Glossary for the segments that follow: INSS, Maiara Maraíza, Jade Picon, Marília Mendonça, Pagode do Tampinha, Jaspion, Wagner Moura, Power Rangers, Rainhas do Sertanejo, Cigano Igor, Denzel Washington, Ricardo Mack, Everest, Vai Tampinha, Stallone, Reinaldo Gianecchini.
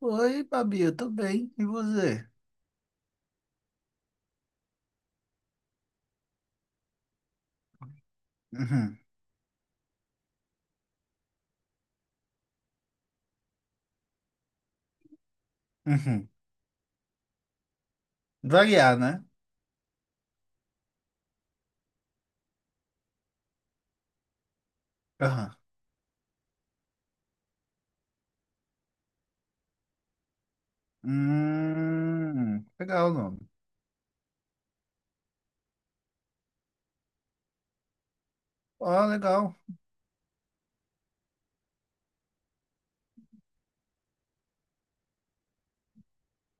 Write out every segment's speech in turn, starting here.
Oi, Babi, eu tô bem. E você? Uhum, uhum. Variar, né? Aham. Legal o nome. Ó, legal.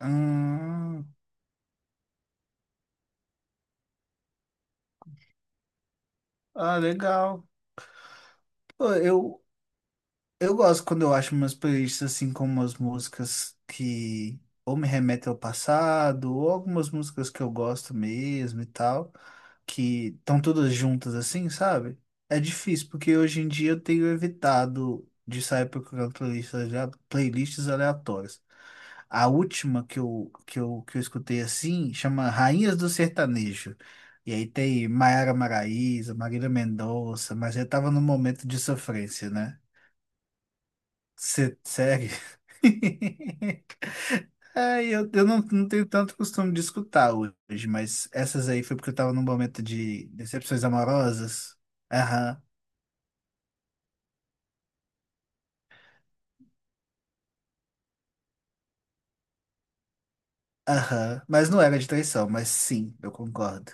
Hum, ah, legal. Pô, eu gosto quando eu acho umas playlists assim com umas músicas que ou me remetem ao passado, ou algumas músicas que eu gosto mesmo e tal. Que estão todas juntas assim, sabe? É difícil, porque hoje em dia eu tenho evitado de sair procurando playlists, playlists aleatórias. A última que eu escutei assim chama Rainhas do Sertanejo. E aí tem Maiara Maraíza, Marília Mendonça, mas eu tava num momento de sofrência, né? Você segue? É, eu não tenho tanto costume de escutar hoje, mas essas aí foi porque eu tava num momento de decepções amorosas. Aham, aham. Mas não era de traição, mas sim, eu concordo.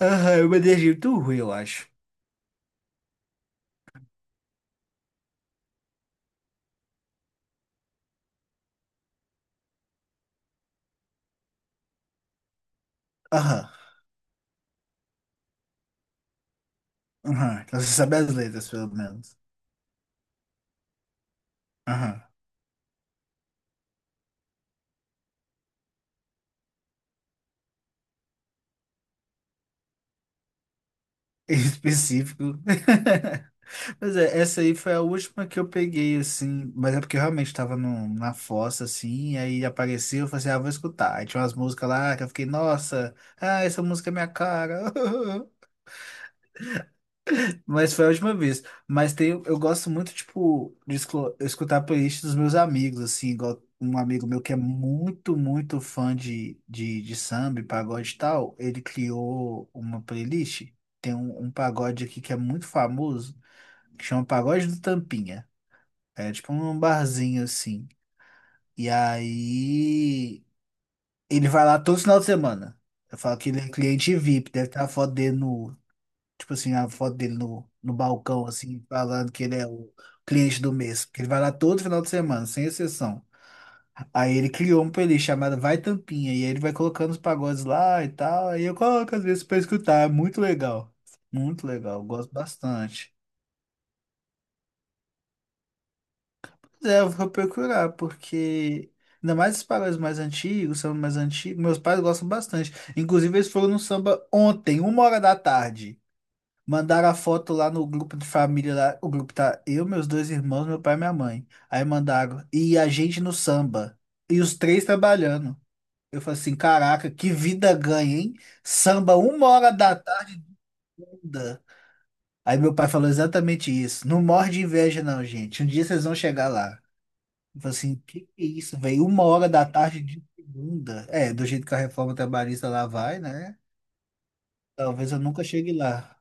Aham, eu uma energia muito ruim, eu acho. Aham, aham. Então você sabe as letras, pelo menos. Aham. Em específico. Pois é, essa aí foi a última que eu peguei, assim, mas é porque eu realmente tava no, na fossa, assim, e aí apareceu, eu falei assim, ah, vou escutar. Aí tinha umas músicas lá que eu fiquei, nossa, ah, essa música é minha cara. Mas foi a última vez. Mas tem, eu gosto muito, tipo, de escutar a playlist dos meus amigos, assim, igual um amigo meu que é muito, muito fã de samba, e pagode e tal, ele criou uma playlist. Tem um pagode aqui que é muito famoso, que chama Pagode do Tampinha. É tipo um barzinho assim. E aí ele vai lá todo final de semana. Eu falo que ele é cliente VIP, deve estar a foto dele no, tipo assim, a foto dele no, no balcão, assim, falando que ele é o cliente do mês. Porque ele vai lá todo final de semana, sem exceção. Aí ele criou uma playlist chamada Vai Tampinha, e aí ele vai colocando os pagodes lá e tal. Aí eu coloco às vezes pra escutar, é muito legal. Muito legal, eu gosto bastante. É, eu vou procurar, porque ainda mais os pagodes mais antigos, samba mais antigo, meus pais gostam bastante. Inclusive, eles foram no samba ontem, uma hora da tarde. Mandaram a foto lá no grupo de família, lá, o grupo tá eu, meus dois irmãos, meu pai e minha mãe. Aí mandaram, e a gente no samba. E os três trabalhando. Eu falei assim, caraca, que vida ganha, hein? Samba uma hora da tarde. Aí meu pai falou exatamente isso. Não morre de inveja, não, gente. Um dia vocês vão chegar lá. Eu falei assim, que é isso, velho? Uma hora da tarde de segunda. É, do jeito que a reforma trabalhista lá vai, né? Talvez eu nunca chegue lá.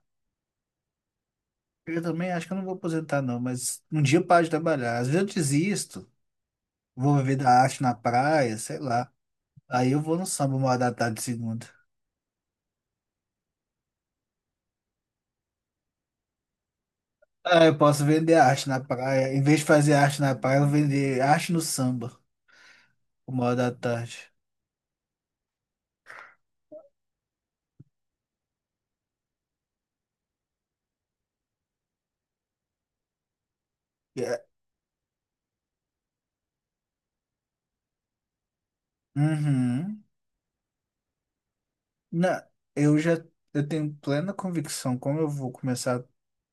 Eu também acho que eu não vou aposentar, não, mas um dia eu paro de trabalhar. Às vezes eu desisto, vou viver da arte na praia, sei lá. Aí eu vou no samba uma hora da tarde de segunda. Ah, eu posso vender arte na praia. Em vez de fazer arte na praia, eu vou vender arte no samba, uma hora da tarde. É. Uhum. Na, eu já eu tenho plena convicção como eu vou começar,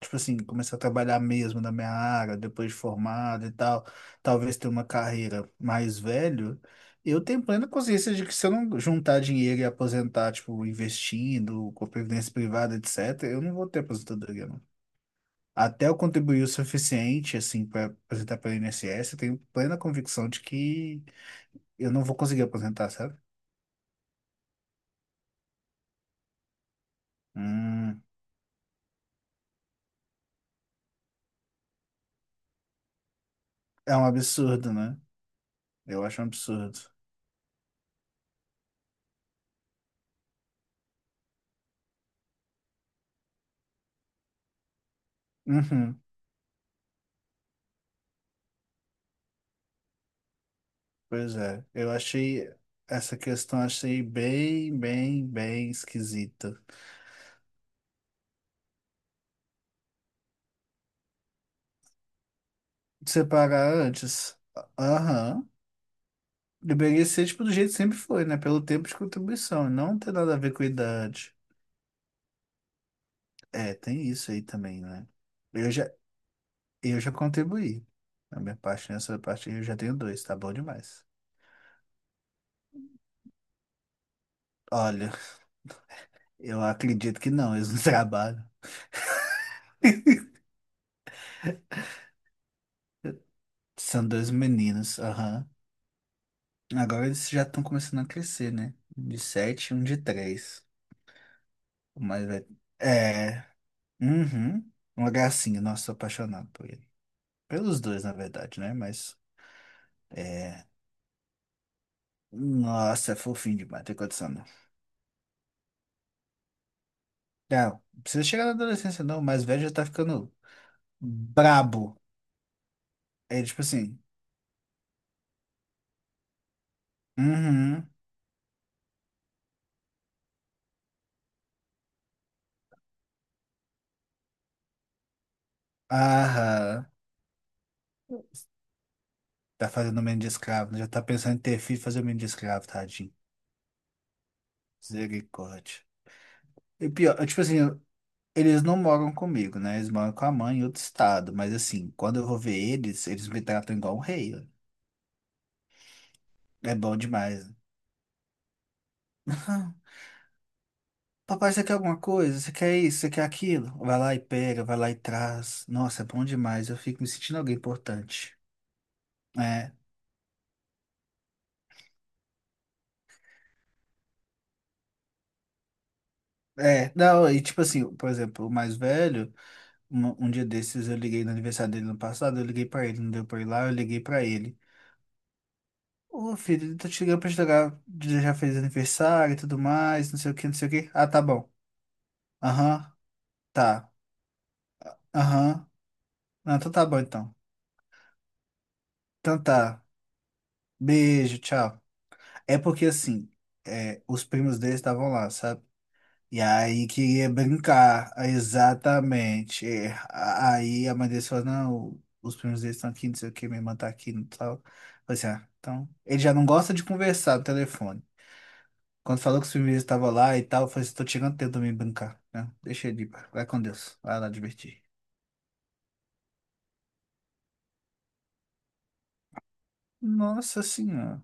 tipo assim, começar a trabalhar mesmo na minha área, depois de formado e tal, talvez ter uma carreira mais velho. Eu tenho plena consciência de que se eu não juntar dinheiro e aposentar, tipo, investindo, com previdência privada, etc., eu não vou ter aposentadoria, não. Até eu contribuir o suficiente, assim, para aposentar pelo INSS, eu tenho plena convicção de que eu não vou conseguir aposentar, sabe? Hum, é um absurdo, né? Eu acho um absurdo. Uhum, pois é, eu achei essa questão achei bem, bem, bem esquisita. Separar antes, aham, deveria ser tipo do jeito que sempre foi, né? Pelo tempo de contribuição, não tem nada a ver com idade. É, tem isso aí também, né? Eu já, eu já contribuí. Na minha parte, nessa parte eu já tenho dois, tá bom demais. Olha, eu acredito que não, eles não trabalham. São dois meninos, aham. Agora eles já estão começando a crescer, né? Um de 7 e um de 3. O mais velho. É. Uhum. Uma gracinha. Nossa, sou apaixonado por ele. Pelos dois, na verdade, né? Mas. É. Nossa, é fofinho demais. Tem condição, não. Não, não precisa chegar na adolescência, não. O mais velho já tá ficando brabo. É tipo assim. Uhum. Aham. Tá fazendo o menino de escravo, né? Já tá pensando em ter filho e fazer o menino de escravo, tadinho. Misericórdia. E pior, é, tipo assim, eles não moram comigo, né? Eles moram com a mãe em outro estado. Mas assim, quando eu vou ver eles, eles me tratam igual um rei. É bom demais. Ah, papai, você quer alguma coisa? Você quer isso? Você quer aquilo? Vai lá e pega, vai lá e traz. Nossa, é bom demais. Eu fico me sentindo alguém importante. É. É, não, e tipo assim, por exemplo, o mais velho, um dia desses eu liguei no aniversário dele no passado, eu liguei pra ele, não deu pra ir lá, eu liguei pra ele. Ô, filho, tô te ligando pra te dar. Já fez aniversário e tudo mais, não sei o que, não sei o que. Ah, tá bom. Aham. Tá. Aham. Ah, então tá bom, então. Então tá. Beijo, tchau. É porque assim, é, os primos deles estavam lá, sabe? E aí queria brincar, ah, exatamente. É, aí a mãe deles falou, não, os primos deles estão aqui, não sei o que, minha irmã tá aqui, não tal. Falei assim, ah, então. Ele já não gosta de conversar no telefone. Quando falou que os primos deles estavam lá e tal, eu falei assim, tô chegando tempo de me brincar, né? Deixa ele ir, pá. Vai com Deus, vai lá divertir. Nossa senhora.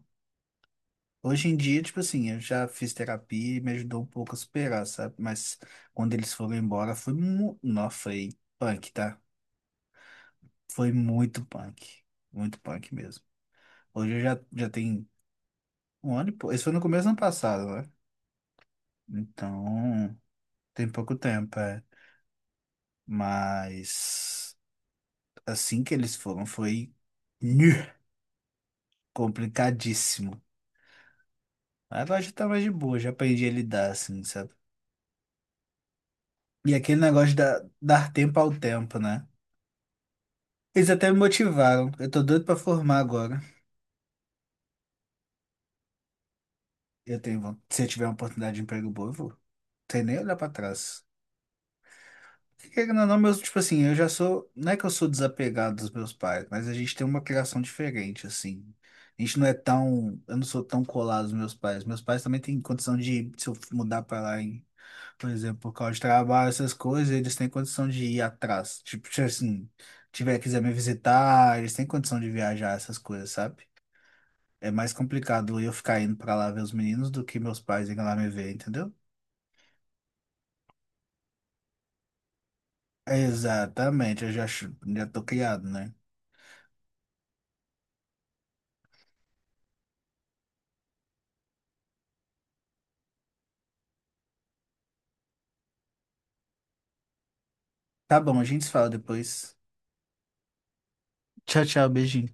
Hoje em dia, tipo assim, eu já fiz terapia e me ajudou um pouco a superar, sabe? Mas quando eles foram embora, foi não, foi punk, tá? Foi muito punk. Muito punk mesmo. Hoje eu já tem um ano e pouco. Isso foi no começo do ano passado, né? Então, tem pouco tempo, é. Mas assim que eles foram, foi nhu, complicadíssimo. Agora já tá mais de boa, já aprendi a lidar, assim, sabe? E aquele negócio de dar tempo ao tempo, né? Eles até me motivaram. Eu tô doido pra formar agora. Eu tenho, se eu tiver uma oportunidade de emprego boa, eu vou. Sem nem olhar pra trás. Porque, querendo ou não, meus, tipo assim, eu já sou. Não é que eu sou desapegado dos meus pais, mas a gente tem uma criação diferente, assim. A gente não é tão. Eu não sou tão colado aos meus pais. Meus pais também têm condição de, se eu mudar pra lá, em, por exemplo, por causa de trabalho, essas coisas, eles têm condição de ir atrás. Tipo, se assim, tiver, quiser me visitar, eles têm condição de viajar, essas coisas, sabe? É mais complicado eu ficar indo pra lá ver os meninos do que meus pais irem lá me ver, entendeu? Exatamente, eu já, já tô criado, né? Tá bom, a gente se fala depois. Tchau, tchau, beijinho.